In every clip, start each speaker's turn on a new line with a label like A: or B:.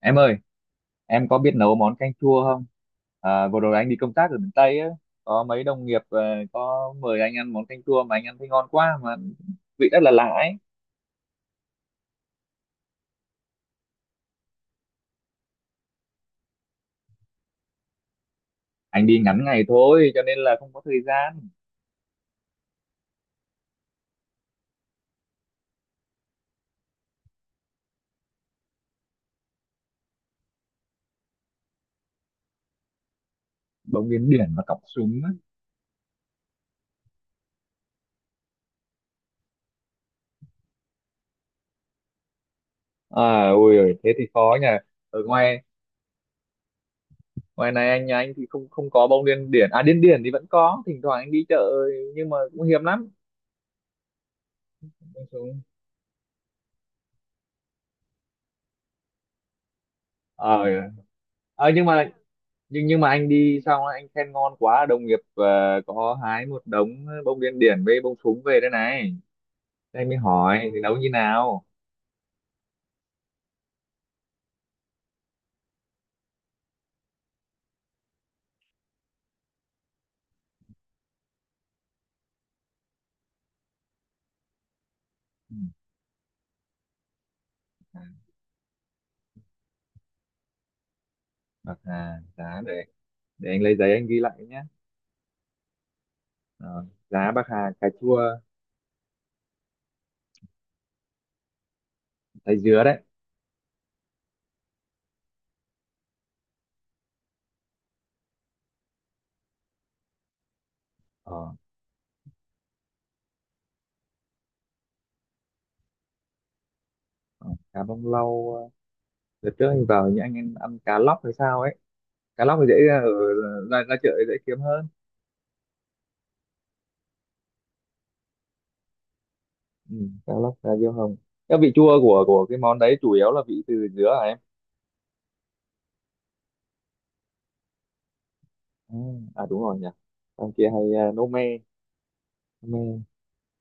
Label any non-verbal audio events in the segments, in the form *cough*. A: Em ơi, em có biết nấu món canh chua không? À, vừa rồi anh đi công tác ở miền Tây á, có mấy đồng nghiệp có mời anh ăn món canh chua mà anh ăn thấy ngon quá mà vị rất là lạ ấy. Anh đi ngắn ngày thôi cho nên là không có thời gian. Bông điên điển và cọng súng á. À, ôi ơi, thế thì khó nhỉ. Ở ngoài ngoài này anh nhà anh thì không không có bông điên điển. À điên điển thì vẫn có, thỉnh thoảng anh đi chợ nhưng mà cũng hiếm lắm. Bông súng. Ờ, ờ, nhưng mà nhưng mà anh đi xong anh khen ngon quá đồng nghiệp có hái một đống bông điên điển với bông súng về đây này. Thế anh mới hỏi thì nấu như nào. Ừ, à, bạc hà giá để anh lấy giấy anh ghi lại nhé. Ờ, giá bạc hà cà chua thái dứa đấy. ờ, ờ, Cá bông lau đợt trước anh vào những anh ăn, ăn cá lóc hay sao ấy, cá lóc thì dễ ra ở ra, ra chợ thì dễ kiếm hơn. Ừ, cá lóc cá diêu hồng, cái vị chua của cái món đấy chủ yếu là vị từ dứa hả. Ừ, à đúng rồi nhỉ, ông kia hay nấu me, me.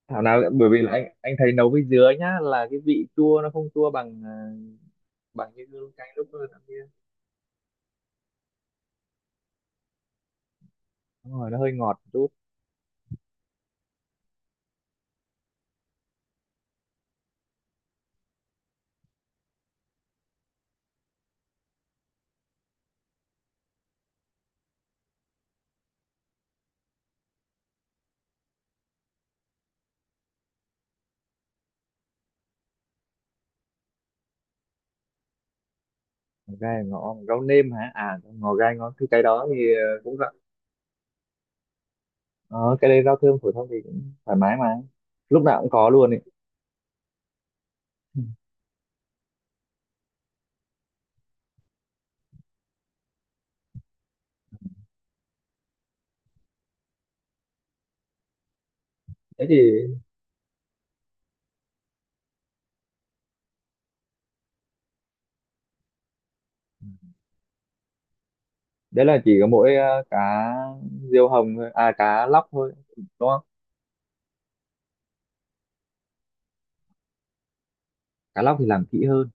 A: Thảo nào, bởi vì là anh thấy nấu với dứa nhá là cái vị chua nó không chua bằng à, bằng như cái lúc đó kia, đúng rồi nó hơi ngọt một chút. Ngò gai ngọ rau nêm hả, à ngò gai ngó cái đó thì à, cũng rau. Ờ, cái đấy rau thơm phổi thông thì cũng thoải mái mà, lúc nào cũng có luôn ấy. Ừ. Thế thì đấy là chỉ có mỗi cá diêu hồng thôi à, cá lóc thôi đúng không? Cá lóc thì làm kỹ hơn.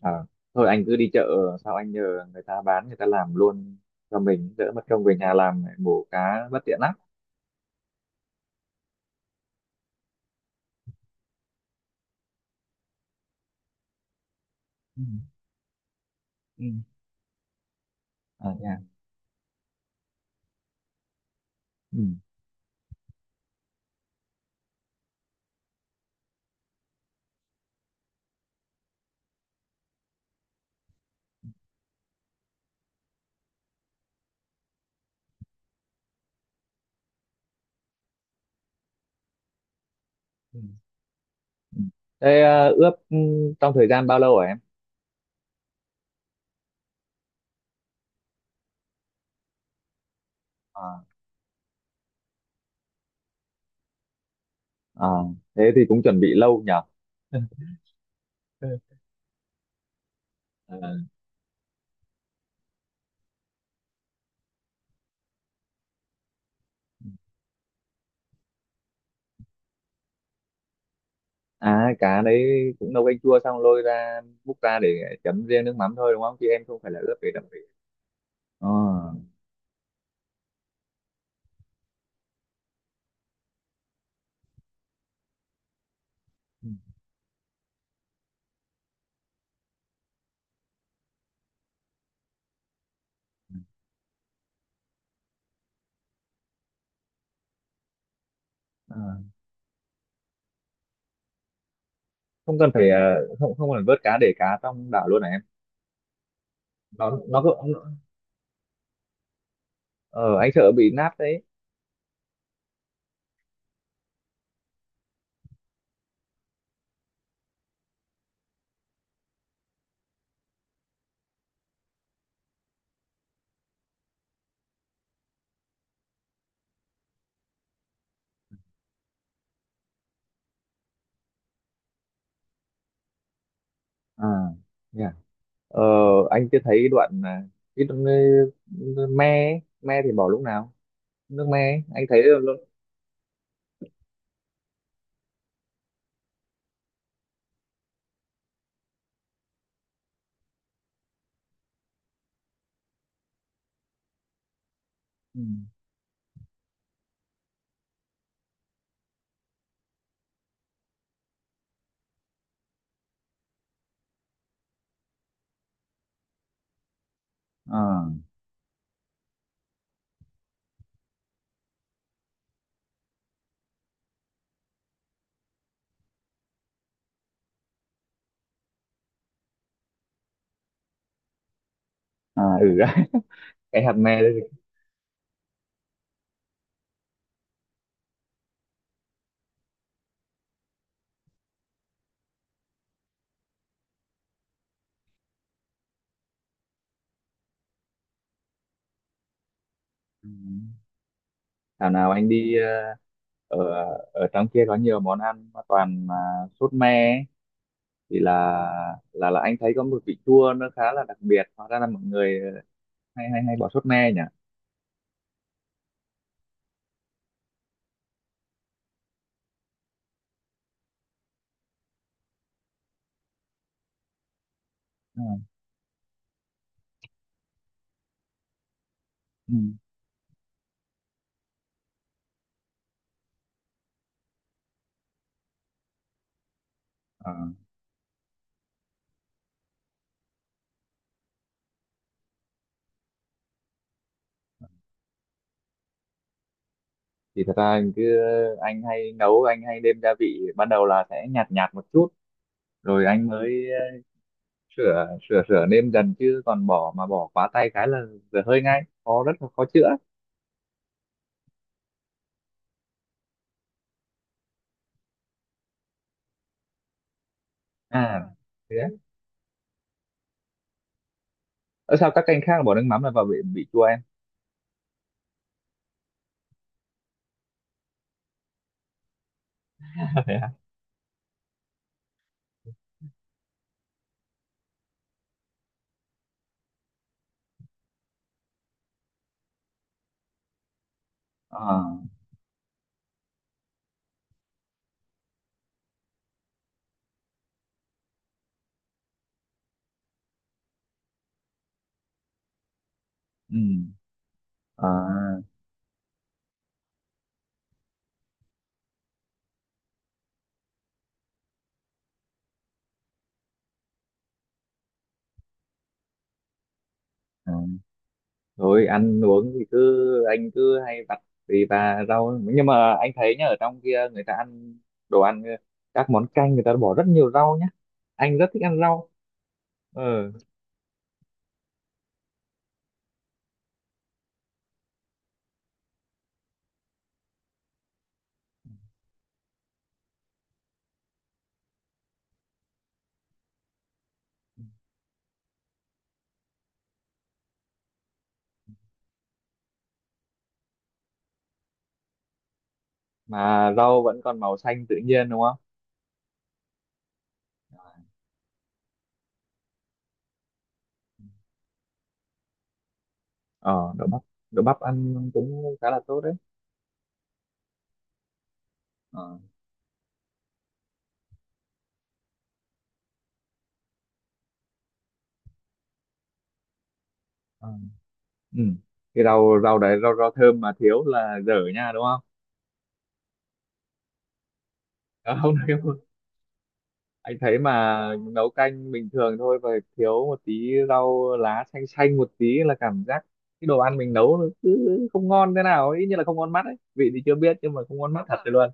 A: À, thôi anh cứ đi chợ sao anh nhờ người ta bán người ta làm luôn cho mình đỡ mất công về nhà làm lại, mổ cá bất tiện lắm. Ừ. Ừ. À, nha. Ừ. Ừ. Ừ. Thế ướp trong thời gian bao lâu hả em? À, à, thế thì cũng chuẩn bị lâu nhở. *laughs* Ờ. À cá đấy cũng nấu canh chua xong lôi ra múc ra để chấm riêng nước mắm thôi đúng không, chứ em không phải là ướp để đậm vị. Ờ. Ừ. Ờ. Không cần phải không không cần vớt cá, để cá trong đảo luôn hả em? Nó có ờ anh sợ bị nát đấy. À, yeah. Ờ, anh chưa thấy đoạn cái đoạn, me ấy. Me thì bỏ lúc nào, nước me ấy. Anh thấy luôn luôn. Ừ. À, à, ừ. *laughs* Cái hạt me đấy. Ừ. Thảo nào anh đi ở ở trong kia có nhiều món ăn mà toàn mà sốt me ấy. Thì là là anh thấy có một vị chua nó khá là đặc biệt, hóa ra là mọi người hay hay hay bỏ sốt me nhỉ. Ừ. Ừ. Thì thật ra anh cứ anh hay nấu anh hay nêm gia vị ban đầu là sẽ nhạt nhạt một chút, rồi anh mới sửa sửa sửa nêm dần, chứ còn bỏ mà bỏ quá tay cái là dở hơi ngay, khó rất là khó chữa. À thế á. Ơ sao các canh khác bỏ nước mắm là vào bị chua em? *laughs* Thế hả? À, ừ, à, à. Rồi ăn uống thì cứ anh cứ hay vặt tùy và rau, nhưng mà anh thấy nhá, ở trong kia người ta ăn đồ ăn các món canh người ta bỏ rất nhiều rau nhá, anh rất thích ăn rau. Ừ, mà rau vẫn còn màu xanh tự nhiên đúng không? Ờ đậu bắp, đậu bắp ăn cũng khá là tốt đấy. Ờ. Ờ. Ừ cái rau rau đấy, rau rau thơm mà thiếu là dở nha đúng không? Ờ, *laughs* không thiếu, anh thấy mà nấu canh bình thường thôi và thiếu một tí rau lá xanh xanh một tí là cảm giác cái đồ ăn mình nấu nó cứ không ngon thế nào ấy, như là không ngon mắt ấy, vị thì chưa biết nhưng mà không ngon mắt thật rồi luôn.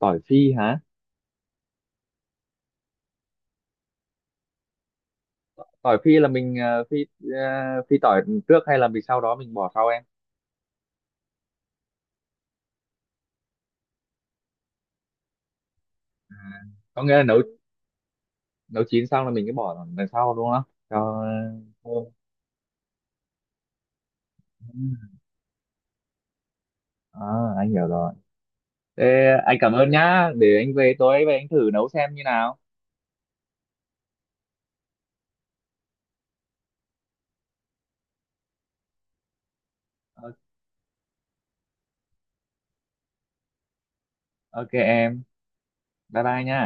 A: Tỏi phi hả? Tỏi phi là mình phi ờ, phi tỏi trước hay là mình sau đó mình bỏ sau em? Có nghĩa là nấu nấu chín xong là mình cứ bỏ đằng sau đúng không, cho thơm. À, anh hiểu rồi. Thế anh cảm ơn nhá, để anh về tối về anh thử nấu xem như nào. Ờ, ok em, bye bye nhá.